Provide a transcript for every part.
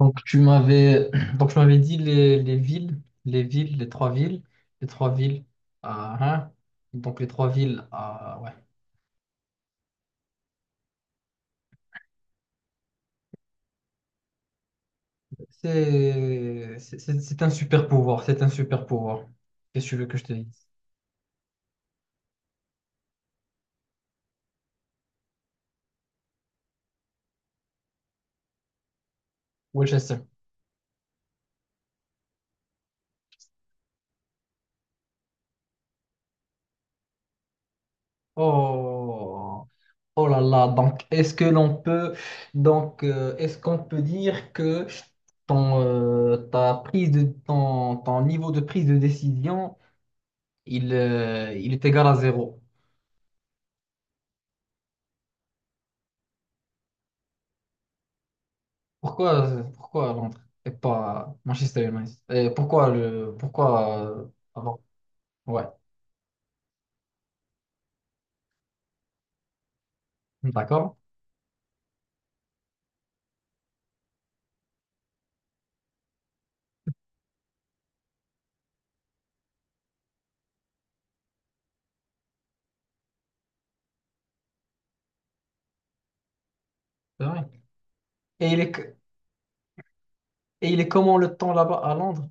Donc tu m'avais donc je m'avais dit les villes, les villes, les trois villes, les trois villes à Reims. Donc les trois villes à ouais. C'est un super pouvoir, c'est un super pouvoir. Qu'est-ce que tu veux que je te dise? Winchester. Oh, oh là là. Donc est-ce que l'on peut donc est-ce qu'on peut dire que ton ta prise de ton, ton niveau de prise de décision il est égal à zéro. Pourquoi, pourquoi Londres et pas Manchester United? Et pourquoi le, pourquoi avant? Ouais, d'accord, c'est vrai. Et il est, que- et il est comment le temps là-bas à Londres?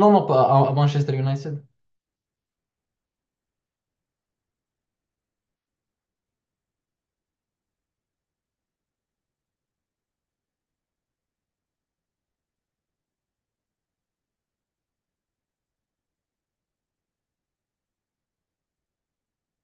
Non, non, pas à, à Manchester United.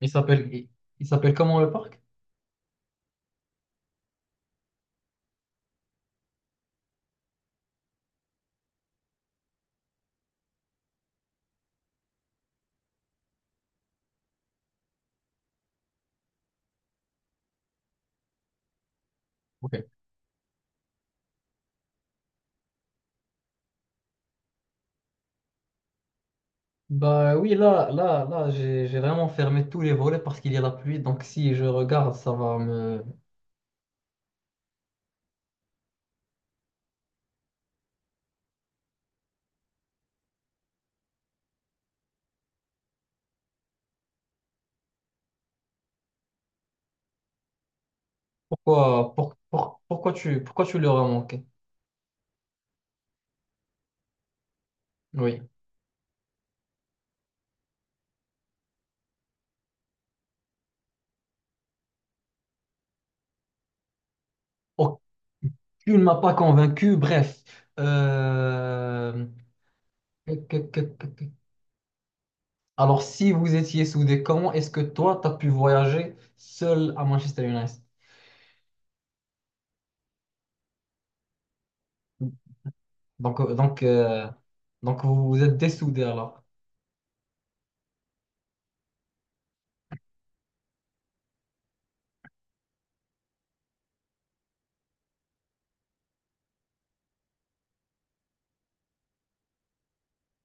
Il s'appelle, il, il s'appelle comment le parc? Ok. Bah oui, là, là, là, j'ai vraiment fermé tous les volets parce qu'il y a la pluie. Donc si je regarde, ça va me. Pourquoi, pourquoi pourquoi tu leur as manqué? Oui. Aucune, tu ne m'as pas convaincu. Bref. Euh, Alors, si vous étiez soudés, comment est-ce que toi, tu as pu voyager seul à Manchester United? Donc, euh, donc, euh, donc vous vous êtes dessoudés alors.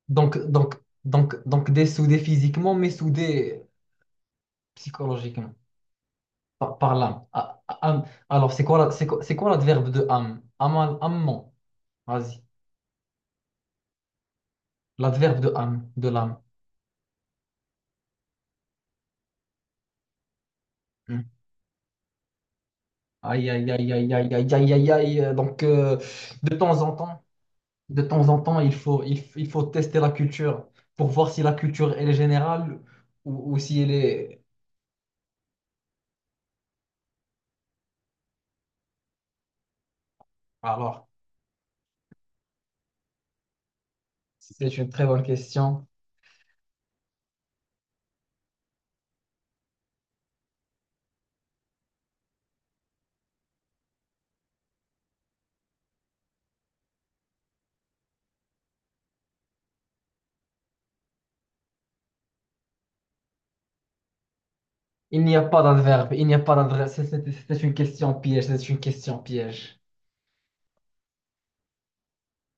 Donc, donc, donc dessoudés physiquement, mais soudés psychologiquement, par, par l'âme. Ah, ah, âme. Alors, c'est quoi l'adverbe de âme? Amal, amant. Vas-y. L'adverbe de âme, de l'âme. Hmm. Aïe, aïe, aïe, aïe, aïe, aïe, aïe, aïe, aïe. Donc, de temps en temps, de temps en temps, il faut, il faut tester la culture pour voir si la culture, elle est générale ou si elle est... Alors, c'est une très bonne question. Il n'y a pas d'adverbe, il n'y a pas d'adverbe. C'est une question piège, c'est une question piège.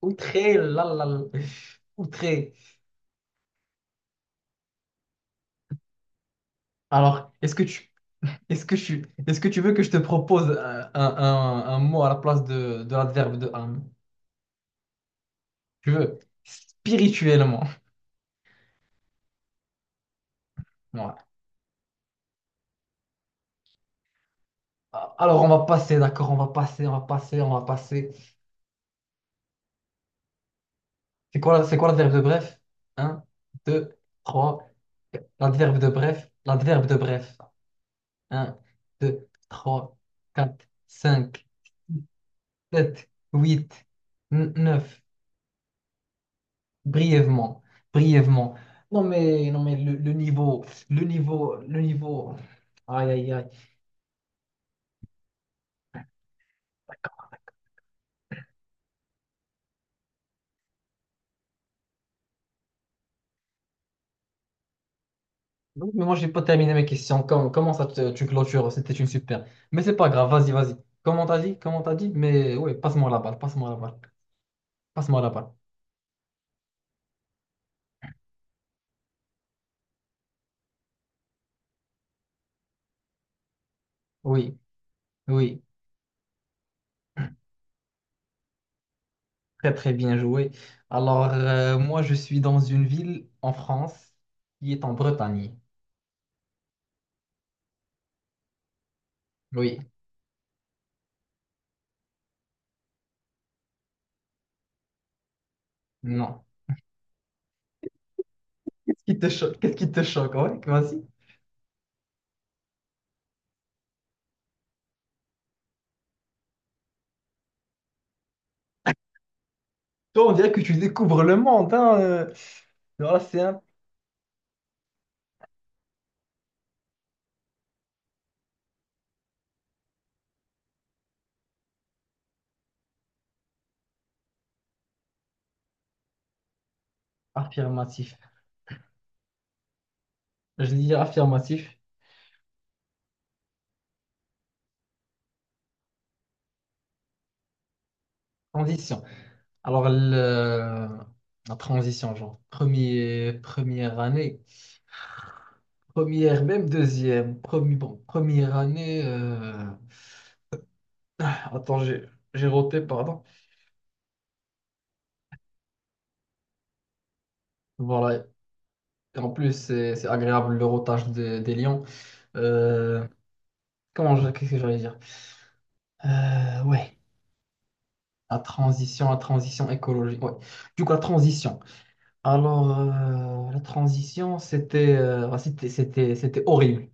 Outré, là, là, là, outré. Alors, est-ce que tu, est-ce que tu, est-ce que tu veux que je te propose un mot à la place de l'adverbe de âme? Tu veux? Spirituellement. Ouais. Alors, on va passer, d'accord, on va passer, on va passer, on va passer. C'est quoi l'adverbe de bref? Un, deux, trois. L'adverbe de bref, l'adverbe de bref. Un, deux, trois, quatre, cinq, sept, huit, neuf. Brièvement, brièvement. Non mais, non mais le niveau, le niveau, le niveau. Aïe, aïe, aïe. Donc, mais moi, j'ai pas terminé mes questions. Comment, ça, tu clôtures? C'était une super. Mais c'est pas grave, vas-y, vas-y. Comment t'as dit? Comment t'as dit? Mais oui, passe-moi la balle, passe-moi la balle. Passe-moi la balle. Oui, oui, très très bien joué. Alors, moi, je suis dans une ville en France qui est en Bretagne. Oui, non. Qu'est-ce qui te choque? Qu'est-ce qui te choque? Ouais, vas-y. Toi, on dirait que tu découvres le monde, hein. Alors c'est un affirmatif. Je dis affirmatif. Condition. Alors, la transition, genre, premier, première année, première, même deuxième, premier, bon, première année, attends, j'ai roté, pardon. Voilà, et en plus, c'est agréable le rotage des lions. Euh, comment, qu'est-ce que j'allais dire? Euh, ouais, la transition écologique, ouais. Du coup, la transition. Alors, la transition, c'était bah, c'était horrible.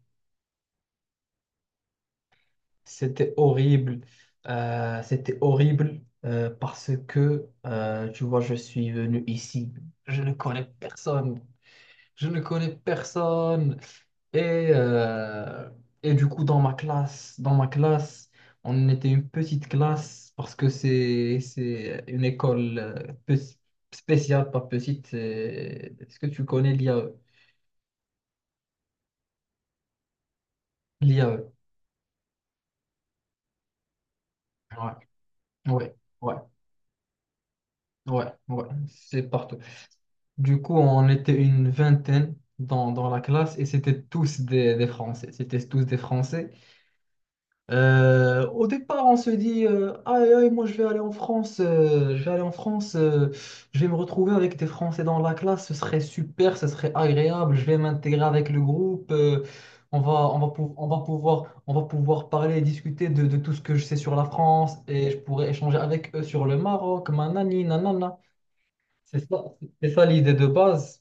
C'était horrible. C'était horrible parce que, tu vois, je suis venu ici. Je ne connais personne. Je ne connais personne. Et, euh, et du coup, dans ma classe, on était une petite classe parce que c'est une école spéciale, pas petite. Est-ce que tu connais l'IAE? L'IAE. Ouais, ouais, ouais, ouais. C'est partout. Du coup, on était une vingtaine dans la classe et c'était des Français. C'était tous des Français. Au départ, on se dit, aïe, aïe, moi je vais aller en France, je vais aller en France, je vais me retrouver avec des Français dans la classe, ce serait super, ce serait agréable, je vais m'intégrer avec le groupe, on va pouvoir parler et discuter de tout ce que je sais sur la France et je pourrais échanger avec eux sur le Maroc, manani, nanana. C'est ça, c'est ça l'idée de base.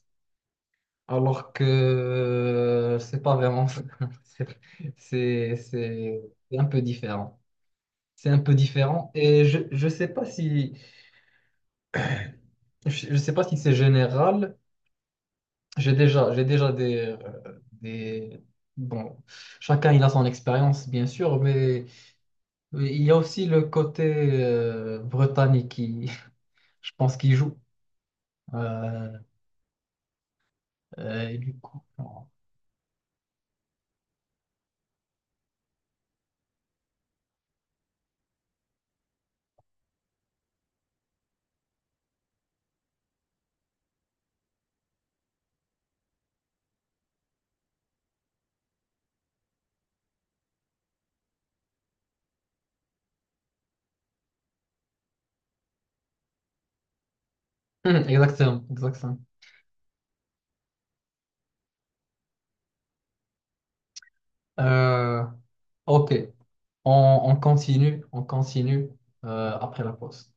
Alors que c'est pas vraiment ça. c'est c'est c'est- c'est un peu différent. C'est un peu différent et je sais pas si je sais pas si c'est général. J'ai déjà des des bon, chacun il a son expérience bien sûr, mais il y a aussi le côté britannique qui je pense qui joue. Euh, et du coup exactement, exactement. Euh, ok, on continue après la pause.